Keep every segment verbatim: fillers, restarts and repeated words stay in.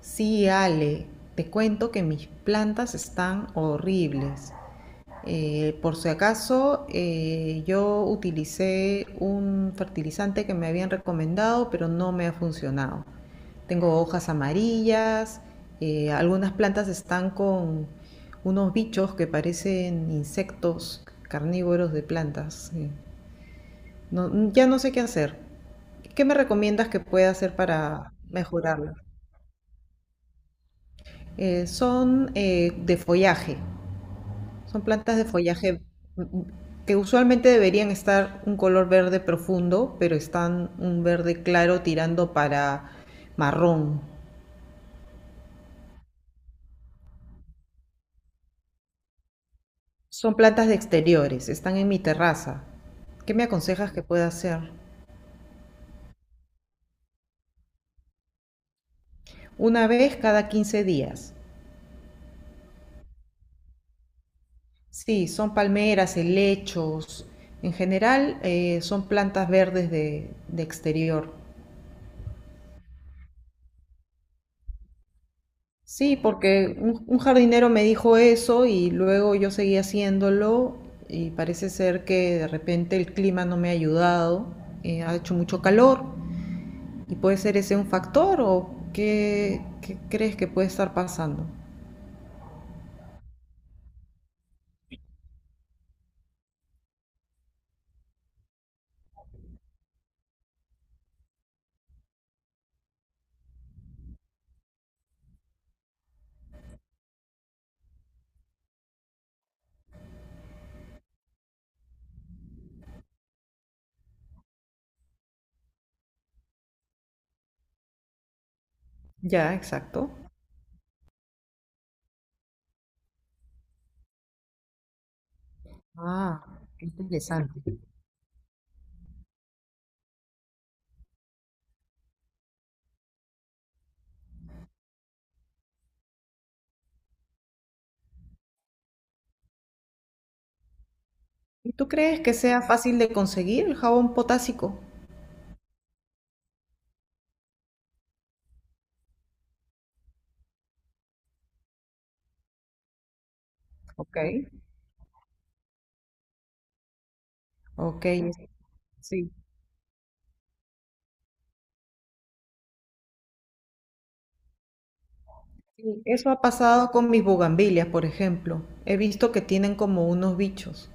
Sí, Ale, te cuento que mis plantas están horribles. Eh, por si acaso, eh, yo utilicé un fertilizante que me habían recomendado, pero no me ha funcionado. Tengo hojas amarillas, eh, algunas plantas están con unos bichos que parecen insectos carnívoros de plantas. eh. No- ya no sé qué hacer. ¿Qué me recomiendas que pueda hacer para mejorarlo? Eh, son eh, de follaje, son plantas de follaje. mm, mm, que usualmente deberían estar un color verde profundo, pero están un verde claro tirando para marrón. Son plantas de exteriores, están en mi terraza. ¿Qué me aconsejas que pueda hacer? Una vez cada quince días. Sí, son palmeras, helechos. En general, eh, son plantas verdes de, de exterior. Sí, porque un, un jardinero me dijo eso y luego yo seguí haciéndolo y parece ser que de repente el clima no me ha ayudado, eh, ha hecho mucho calor y puede ser ese un factor o qué, qué crees que puede estar pasando. Ya, exacto. Ah, qué interesante. ¿Y tú crees que sea fácil de conseguir el jabón potásico? Ok. Ok, sí. Sí, eso ha pasado con mis bugambilias, por ejemplo. He visto que tienen como unos bichos.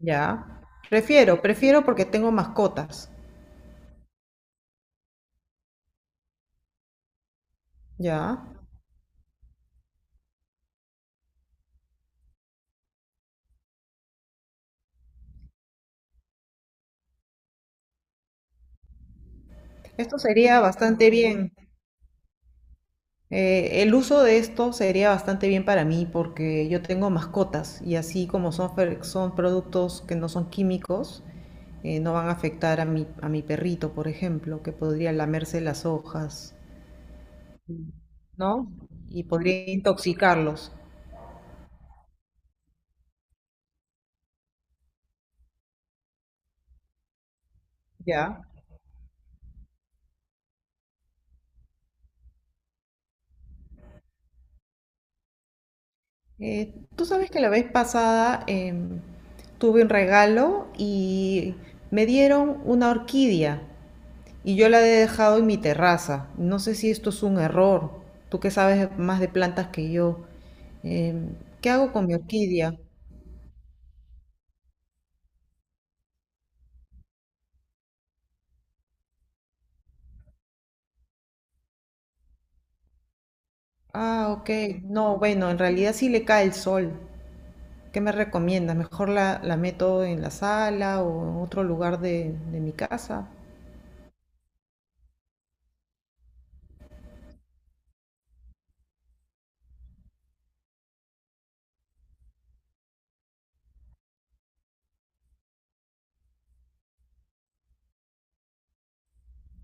Ya. Prefiero, prefiero porque tengo mascotas. Ya. Esto sería bastante bien. Eh, el uso de esto sería bastante bien para mí porque yo tengo mascotas y así como son, fer- son productos que no son químicos, eh, no van a afectar a mi, a mi perrito, por ejemplo, que podría lamerse las hojas, ¿no? Y podría intoxicarlos. Ya. Eh, tú sabes que la vez pasada em, tuve un regalo y me dieron una orquídea y yo la he dejado en mi terraza. No sé si esto es un error. Tú que sabes más de plantas que yo. Em, ¿Qué hago con mi orquídea? Ah, ok. No, bueno, en realidad sí le cae el sol. ¿Qué me recomiendas? ¿Mejor la, la meto en la sala o en otro lugar de, de mi casa?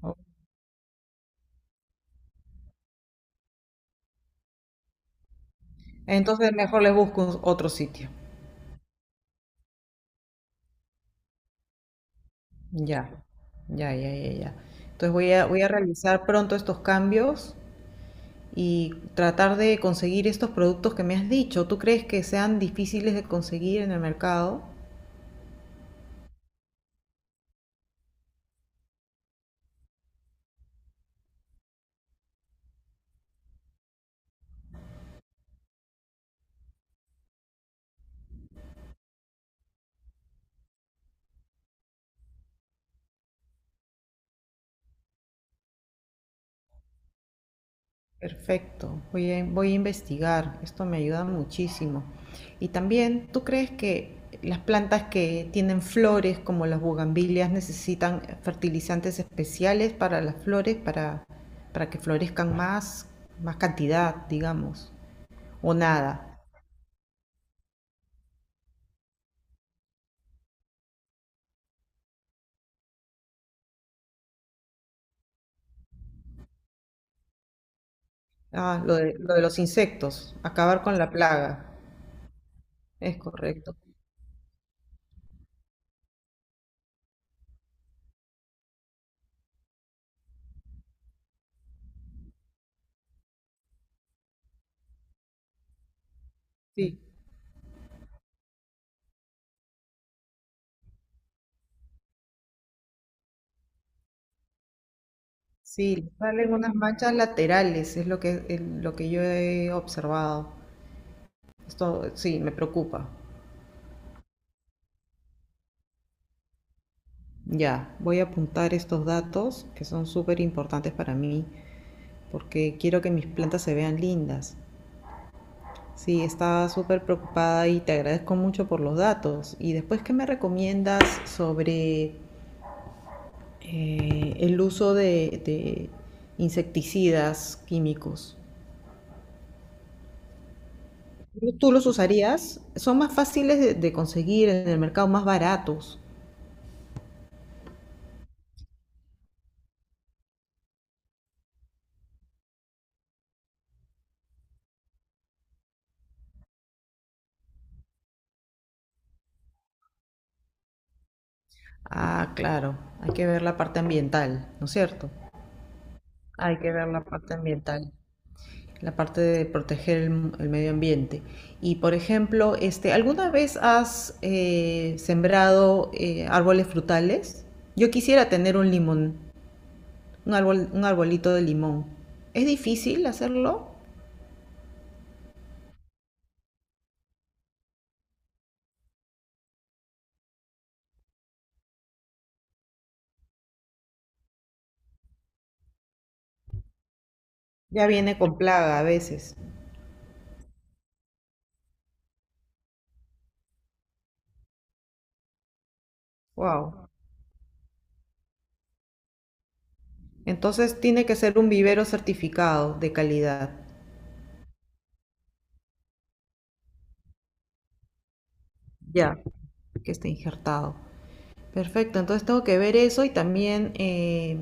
Ok. Entonces mejor le busco un- otro sitio. Ya, ya, ya, ya, ya. Entonces voy a, voy a realizar pronto estos cambios y tratar de conseguir estos productos que me has dicho. ¿Tú crees que sean difíciles de conseguir en el mercado? Perfecto, voy a, voy a investigar. Esto me ayuda muchísimo. Y también, ¿tú crees que las plantas que tienen flores, como las bugambilias, necesitan fertilizantes especiales para las flores, para, para que florezcan más, más cantidad, digamos? ¿O nada? Ah, lo de, lo de los insectos, acabar con la plaga, es correcto. Sí, sí, salen unas manchas laterales, es lo que, el- lo que yo he observado. Esto sí, me preocupa. Ya, voy a apuntar estos datos que son súper importantes para mí, porque quiero que mis plantas se vean lindas. Sí, estaba súper preocupada y te agradezco mucho por los datos. ¿Y después qué me recomiendas sobre eh, el uso de, de insecticidas químicos? ¿Tú los usarías? Son más fáciles de, de conseguir en el mercado, más baratos. Ah, claro, hay que ver la parte ambiental, ¿no es cierto? Hay que ver la parte ambiental, la parte de proteger el, el medio ambiente. Y por ejemplo, este, ¿alguna vez has eh, sembrado eh, árboles frutales? Yo quisiera tener un limón, un árbol, un arbolito de limón. ¿Es difícil hacerlo? Ya viene con plaga a veces. Wow. Entonces tiene que ser un vivero certificado de calidad. Ya, que esté injertado. Perfecto, entonces tengo que ver eso y también eh,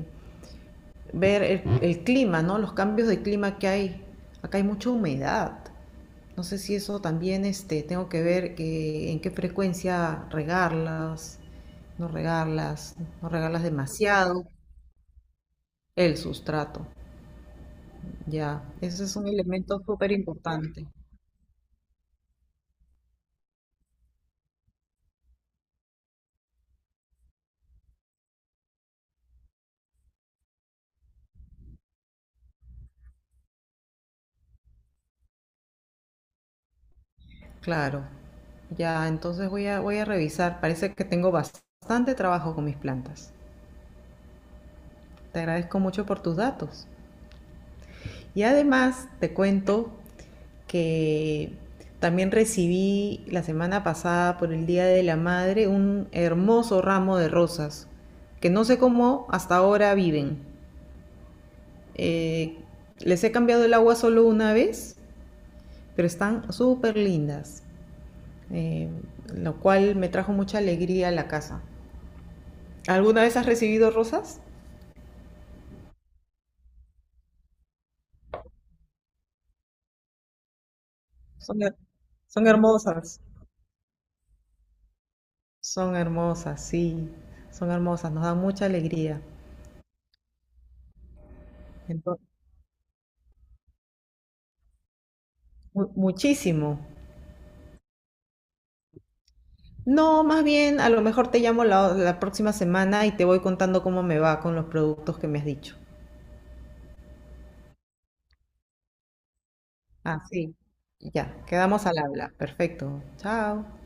ver el, el clima, ¿no? Los cambios de clima que hay. Acá hay mucha humedad. No sé si eso también este, tengo que ver que, en qué frecuencia regarlas, no regarlas, no regarlas demasiado. El sustrato, ya. Ese es un elemento súper importante. Claro. Ya, entonces voy a, voy a revisar. Parece que tengo bastante trabajo con mis plantas. Te agradezco mucho por tus datos. Y además te cuento que también recibí la semana pasada por el Día de la Madre un hermoso ramo de rosas que no sé cómo hasta ahora viven. Eh, Les he cambiado el agua solo una vez, pero están súper lindas, eh, lo cual me trajo mucha alegría a la casa. ¿Alguna vez has recibido rosas? Son, her- Son hermosas. Son hermosas, sí, son hermosas, nos dan mucha alegría, entonces mu- muchísimo. No, más bien, a lo mejor te llamo la, la próxima semana y te voy contando cómo me va con los productos que me has dicho. Ah, sí. Ya, quedamos al habla. Perfecto. Chao.